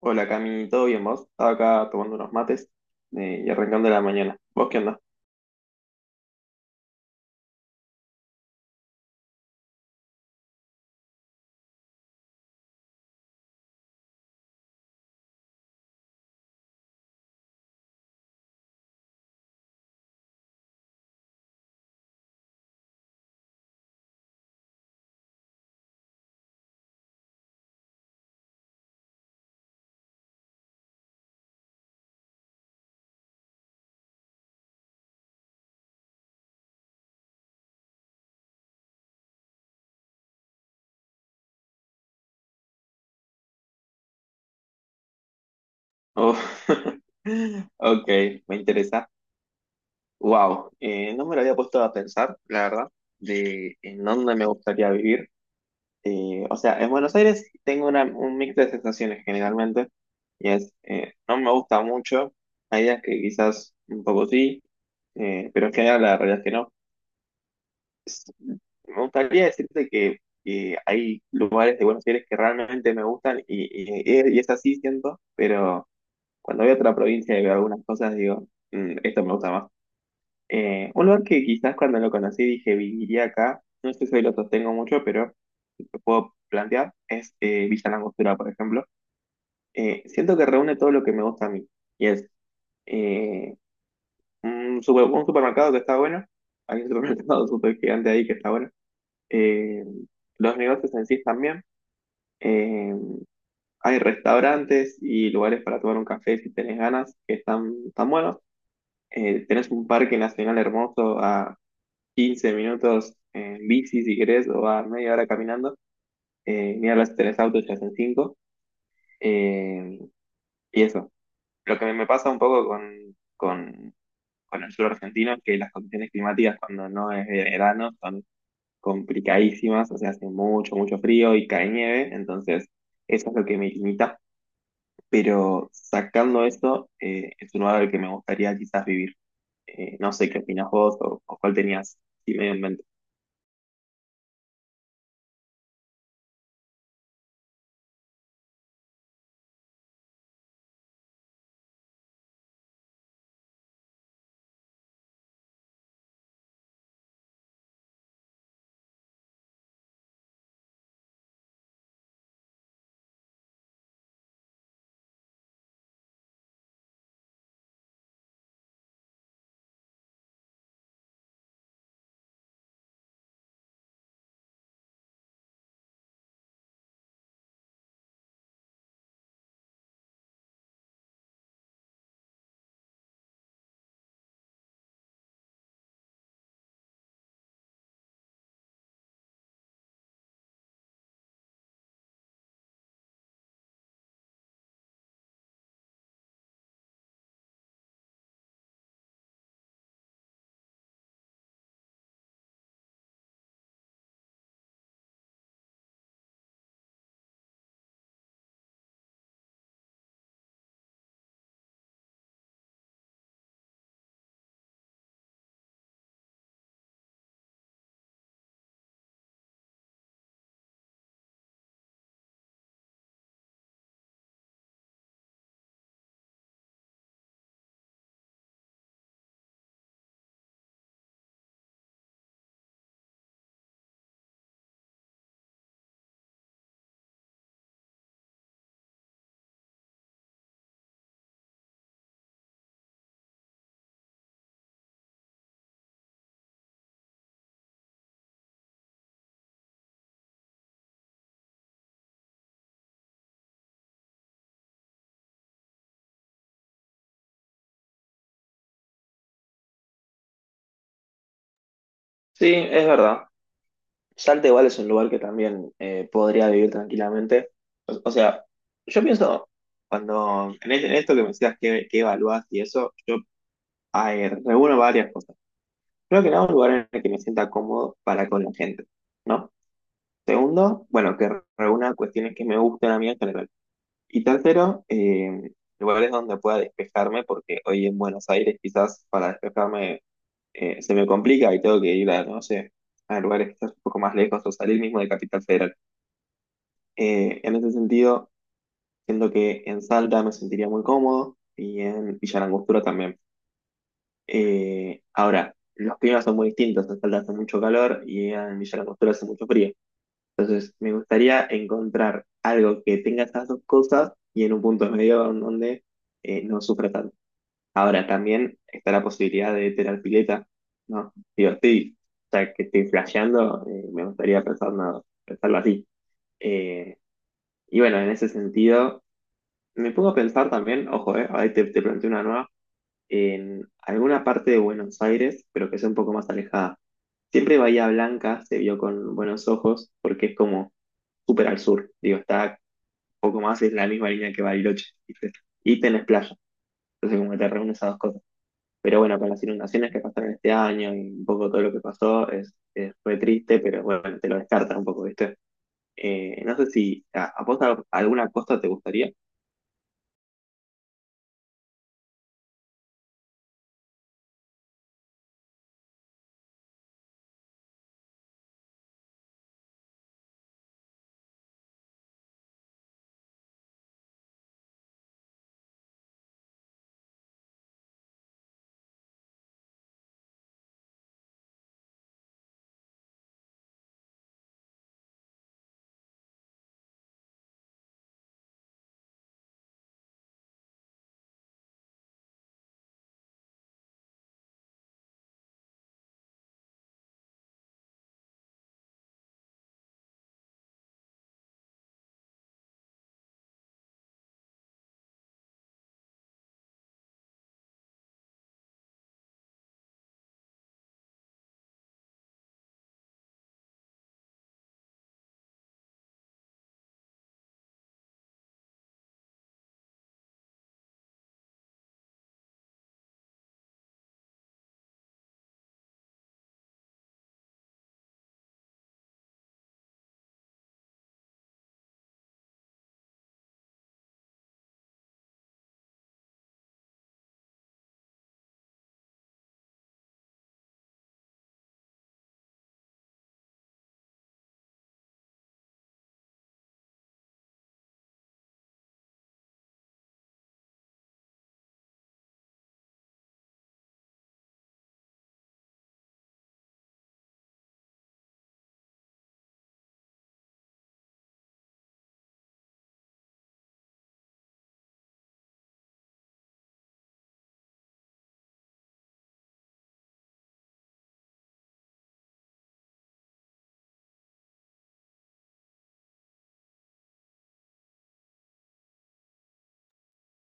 Hola Cami, ¿todo bien vos? Estaba acá tomando unos mates y arrancando la mañana. ¿Vos qué onda? Oh, ok, me interesa. Wow, no me lo había puesto a pensar, la verdad, de en dónde me gustaría vivir. O sea, en Buenos Aires tengo un mix de sensaciones generalmente, y es, no me gusta mucho, hay días que quizás un poco sí, pero en general la realidad es que no. Me gustaría decirte que hay lugares de Buenos Aires que realmente me gustan y es así, siento, pero cuando voy a otra provincia y veo algunas cosas, digo, "Mm, esto me gusta más. Un lugar que quizás cuando lo conocí dije, viviría acá, no sé si hoy lo sostengo mucho, pero lo puedo plantear, es Villa Langostura, por ejemplo. Siento que reúne todo lo que me gusta a mí, y es eh, un supermercado que está bueno, hay un supermercado súper gigante ahí que está bueno, eh, los negocios en sí también. Eh, hay restaurantes y lugares para tomar un café si tenés ganas, que están tan buenos. Tenés un parque nacional hermoso a 15 minutos en bici si querés o a media hora caminando. Ni hablas si tenés auto, ya son 5. Y eso. Lo que me pasa un poco con, con el sur argentino es que las condiciones climáticas cuando no es verano son complicadísimas, o sea, hace mucho, mucho frío y cae nieve, entonces eso es lo que me limita, pero sacando eso, es un lugar al que me gustaría quizás vivir. No sé qué opinas vos o cuál tenías, sí, medio en mente. Sí, es verdad. Salta igual es un lugar que también podría vivir tranquilamente. O sea, yo pienso, en esto que me decías que evaluás y eso, yo reúno varias cosas. Creo que nada, un lugar en el que me sienta cómodo para con la gente, ¿no? Segundo, bueno, que reúna cuestiones que me gustan a mí en general. Y tercero, lugares donde pueda despejarme, porque hoy en Buenos Aires quizás para despejarme se me complica y tengo que ir a, no sé, a lugares quizás un poco más lejos o salir mismo de Capital Federal. En ese sentido, siento que en Salta me sentiría muy cómodo y en Villa Langostura también. Ahora, los climas son muy distintos, en Salta hace mucho calor y en Villa Langostura hace mucho frío. Me gustaría encontrar algo que tenga esas dos cosas y en un punto medio en donde no sufra tanto. Ahora, también está la posibilidad de tener pileta, ¿no? Digo, sí, o sea, que estoy flasheando, me gustaría pensar nada, pensarlo así. Eh, y bueno, en ese sentido, me pongo a pensar también, ojo, ahí te planteo una nueva, en alguna parte de Buenos Aires, pero que sea un poco más alejada. Siempre Bahía Blanca se vio con buenos ojos porque es como súper al sur, digo, está poco más es la misma línea que Bariloche, ¿viste? Y tenés playa, entonces como que te reúnes esas dos cosas. Pero bueno, con las inundaciones que pasaron este año y un poco todo lo que pasó, fue triste, pero bueno, te lo descartan un poco, ¿viste? No sé si a vos alguna costa te gustaría.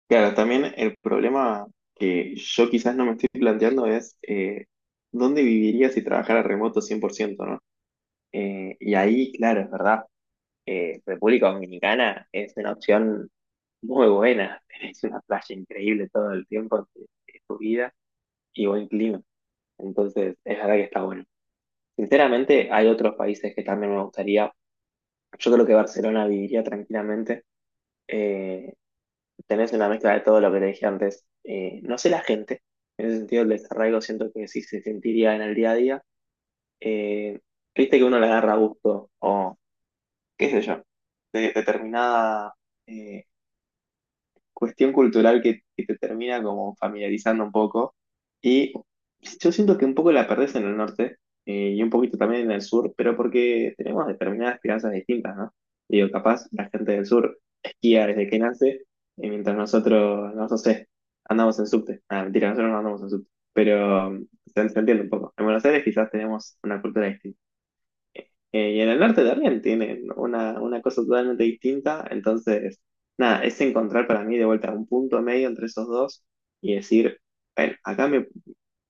Claro, también el problema que yo quizás no me estoy planteando es dónde viviría si trabajara remoto 100%, ¿no? Y ahí, claro, es verdad, República Dominicana es una opción muy buena. Tenés una playa increíble todo el tiempo de tu vida y buen clima. Entonces, es verdad que está bueno. Sinceramente, hay otros países que también me gustaría. Yo creo que Barcelona viviría tranquilamente. Eh, tenés una mezcla de todo lo que te dije antes. No sé la gente. En ese sentido, el desarraigo siento que sí se sentiría en el día a día. Eh, viste que uno le agarra gusto o qué sé yo, de determinada eh, cuestión cultural que te termina como familiarizando un poco. Y yo siento que un poco la perdés en el norte y un poquito también en el sur, pero porque tenemos determinadas crianzas distintas, ¿no? Digo, capaz la gente del sur esquía desde que nace, y mientras nosotros, no sé, andamos en subte. Ah, mentira, nosotros no andamos en subte. Pero um, se se entiende un poco. En Buenos Aires quizás tenemos una cultura distinta. Y en el norte también tienen una cosa totalmente distinta. Entonces, nada, es encontrar para mí de vuelta un punto medio entre esos dos y decir, bueno,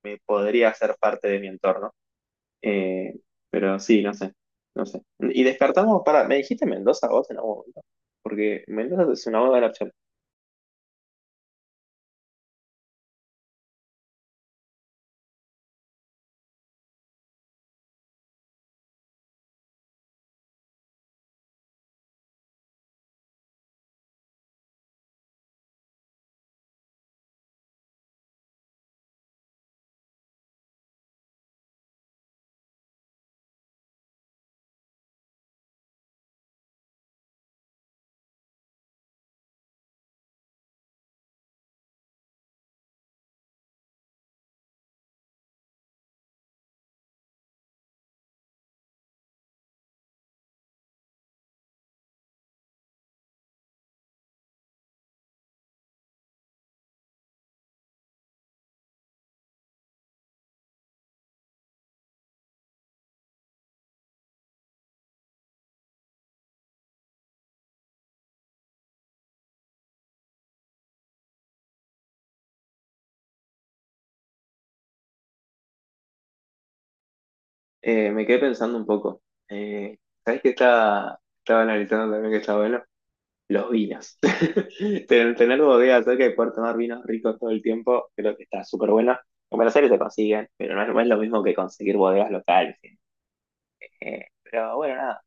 me podría hacer parte de mi entorno. Eh, pero sí, no sé, no sé. Y descartamos, para, ¿me dijiste Mendoza vos en algún momento? Porque Mendoza es una buena opción. Me quedé pensando un poco. Eh, ¿sabés que estaba analizando también que está bueno? Los vinos. Tener bodegas cerca y poder tomar vinos ricos todo el tiempo, creo que está súper bueno. En Buenos Aires se consiguen, pero no es, no es lo mismo que conseguir bodegas locales. Pero bueno, nada.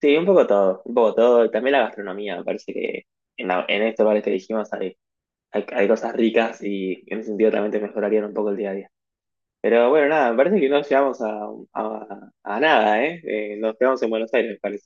Sí, un poco todo, un poco todo. También la gastronomía, me parece que en estos bares que dijimos hay cosas ricas y en ese sentido también te mejorarían un poco el día a día. Pero bueno, nada, me parece que no llegamos a nada, ¿eh? Nos quedamos en Buenos Aires, me parece.